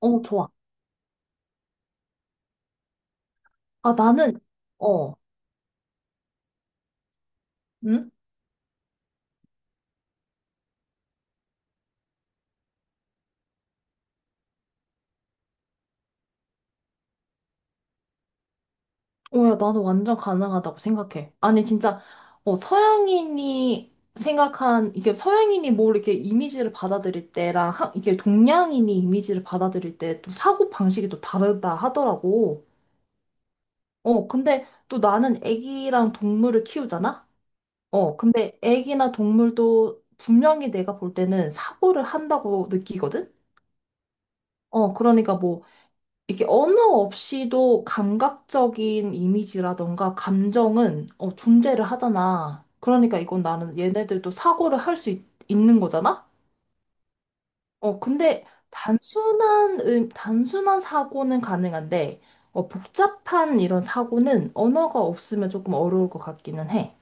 좋아. 아, 나는, 어, 응? 어, 야, 나는 완전 가능하다고 생각해. 아니, 진짜, 어, 이게 서양인이 뭘 이렇게 이미지를 받아들일 때랑, 이게 동양인이 이미지를 받아들일 때 또 사고 방식이 또 다르다 하더라고. 근데 또 나는 애기랑 동물을 키우잖아? 근데 애기나 동물도 분명히 내가 볼 때는 사고를 한다고 느끼거든? 그러니까 뭐, 이게 언어 없이도 감각적인 이미지라던가 감정은 존재를 하잖아. 그러니까 이건 나는 얘네들도 사고를 할 수 있는 거잖아? 근데 단순한, 단순한 사고는 가능한데, 복잡한 이런 사고는 언어가 없으면 조금 어려울 것 같기는 해.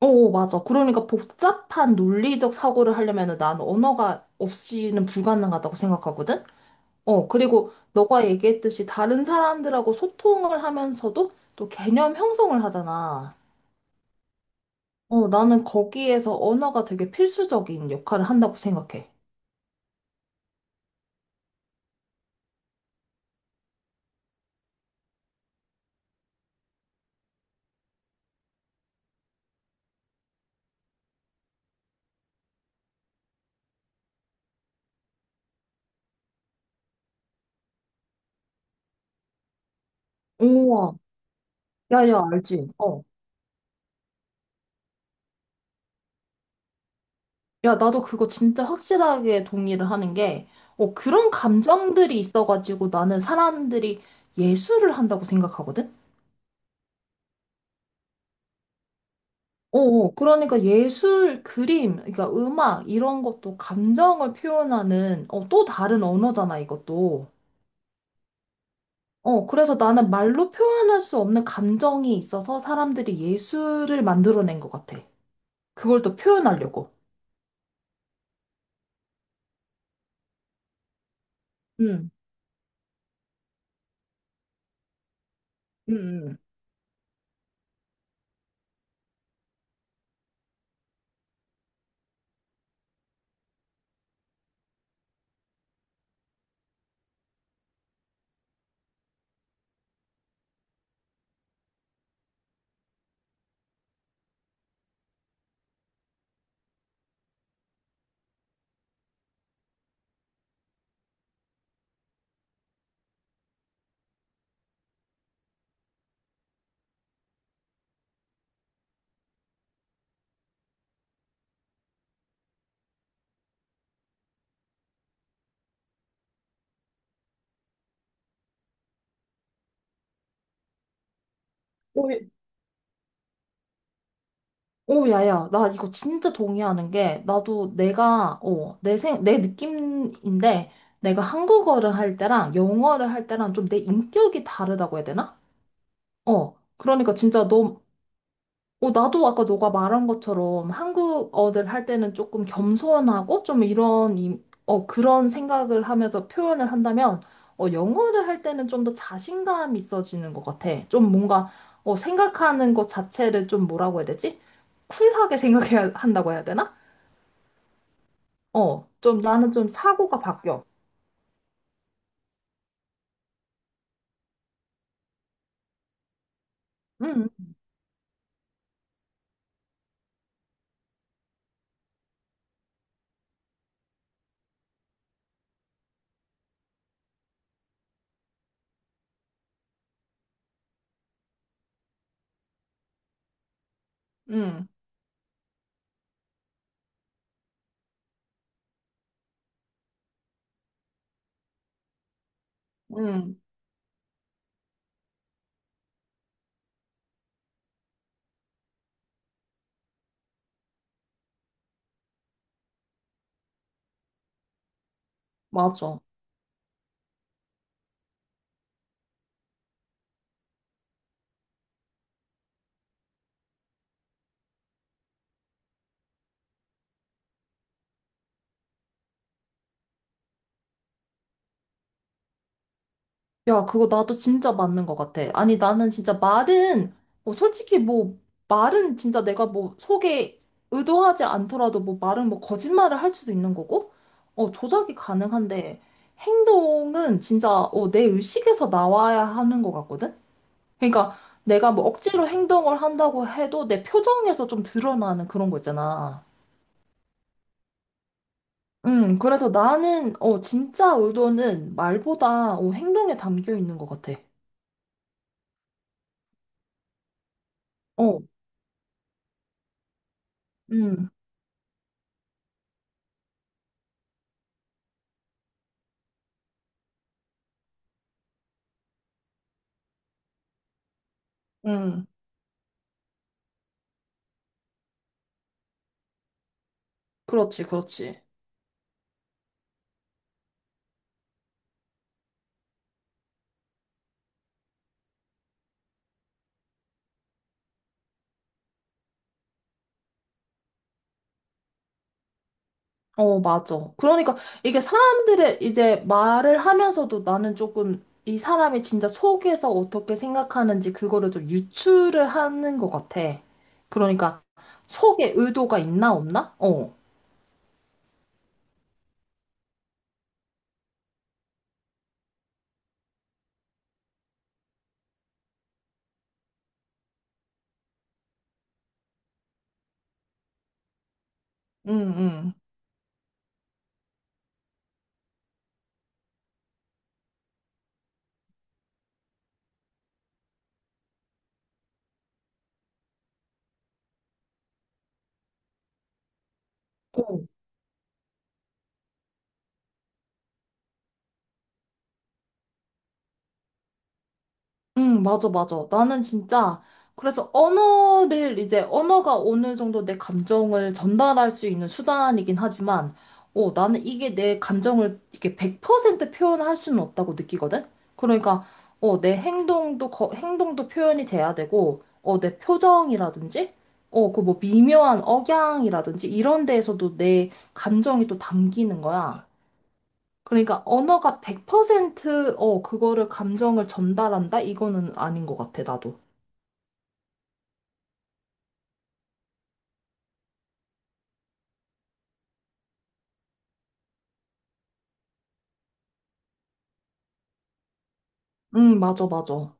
맞아. 그러니까 복잡한 논리적 사고를 하려면 나는 언어가 없이는 불가능하다고 생각하거든? 그리고 너가 얘기했듯이 다른 사람들하고 소통을 하면서도 또 개념 형성을 하잖아. 나는 거기에서 언어가 되게 필수적인 역할을 한다고 생각해. 우와, 야야, 알지? 어. 야, 나도 그거 진짜 확실하게 동의를 하는 게, 그런 감정들이 있어가지고 나는 사람들이 예술을 한다고 생각하거든? 그러니까 예술, 그림, 그러니까 음악, 이런 것도 감정을 표현하는, 또 다른 언어잖아, 이것도. 그래서 나는 말로 표현할 수 없는 감정이 있어서 사람들이 예술을 만들어낸 것 같아. 그걸 또 표현하려고. 응, 응, 응. 오, 오, 야야, 나 이거 진짜 동의하는 게, 나도 내가, 어, 내 생, 내 느낌인데, 내가 한국어를 할 때랑 영어를 할 때랑 좀 내 인격이 다르다고 해야 되나? 어, 그러니까 진짜 너, 나도 아까 너가 말한 것처럼 한국어를 할 때는 조금 겸손하고 좀 이런, 그런 생각을 하면서 표현을 한다면, 영어를 할 때는 좀 더 자신감이 있어지는 것 같아. 좀 뭔가, 생각하는 것 자체를 좀 뭐라고 해야 되지? 쿨하게 생각해야 한다고 해야 되나? 좀 나는 좀 사고가 바뀌어. 응, 응, 응, 맞아. 야, 그거 나도 진짜 맞는 것 같아. 아니, 나는 진짜 말은, 뭐, 솔직히 뭐, 말은 진짜 내가 뭐, 속에 의도하지 않더라도 뭐, 말은 뭐, 거짓말을 할 수도 있는 거고, 조작이 가능한데, 행동은 진짜, 내 의식에서 나와야 하는 것 같거든? 그러니까, 내가 뭐, 억지로 행동을 한다고 해도 내 표정에서 좀 드러나는 그런 거 있잖아. 그래서 나는, 진짜 의도는 말보다, 행동에 담겨 있는 것 같아. 어, 음, 음. 그렇지, 그렇지. 어, 맞아. 그러니까 이게 사람들의 이제 말을 하면서도 나는 조금 이 사람이 진짜 속에서 어떻게 생각하는지 그거를 좀 유추를 하는 것 같아. 그러니까 속에 의도가 있나 없나? 어. 응, 응. 어. 응, 맞아, 맞아. 나는 진짜, 그래서 언어가 어느 정도 내 감정을 전달할 수 있는 수단이긴 하지만, 나는 이게 내 감정을 이게 100% 표현할 수는 없다고 느끼거든? 그러니까, 행동도 표현이 돼야 되고, 내 표정이라든지, 그 뭐 미묘한 억양이라든지, 이런 데에서도 내 감정이 또 담기는 거야. 그러니까 언어가 100% 그거를 감정을 전달한다? 이거는 아닌 것 같아, 나도. 맞아, 맞아.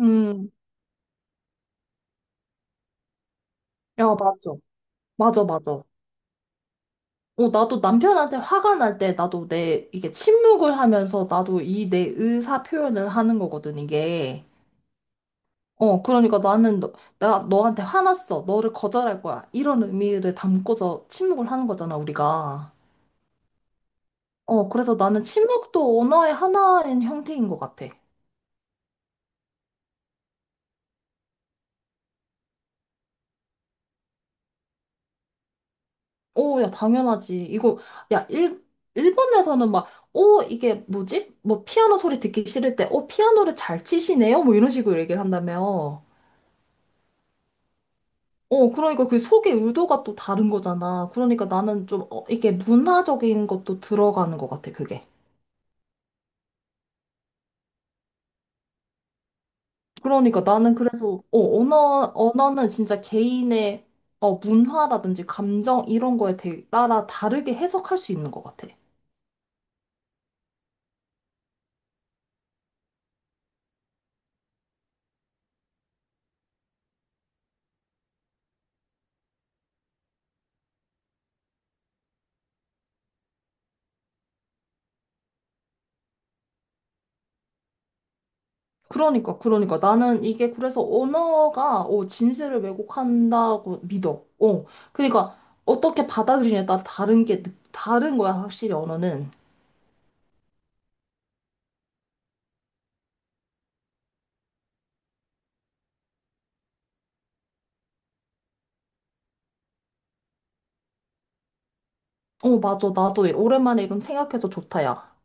음, 야, 맞아. 맞아, 맞아. 나도 남편한테 화가 날 때 나도 내, 이게 침묵을 하면서 나도 이 내 의사 표현을 하는 거거든, 이게. 어, 그러니까 나는 너, 나 너한테 화났어. 너를 거절할 거야. 이런 의미를 담고서 침묵을 하는 거잖아, 우리가. 그래서 나는 침묵도 언어의 하나인 형태인 것 같아. 오, 야, 당연하지. 야, 일, 일본에서는 막, 오, 이게 뭐지? 뭐, 피아노 소리 듣기 싫을 때, 오, 피아노를 잘 치시네요? 뭐, 이런 식으로 얘기를 한다며. 그러니까 그 속의 의도가 또 다른 거잖아. 그러니까 나는 좀, 이게 문화적인 것도 들어가는 것 같아, 그게. 그러니까 나는 그래서, 언어는 진짜 개인의, 문화라든지 감정, 이런 거에 따라 다르게 해석할 수 있는 것 같아. 그러니까, 그러니까. 나는 이게 그래서 언어가, 진실을 왜곡한다고 믿어. 어. 그러니까, 어떻게 받아들이냐에 따라 다른 거야, 확실히 언어는. 어, 맞아. 나도 오랜만에 이런 생각해서 좋다, 야.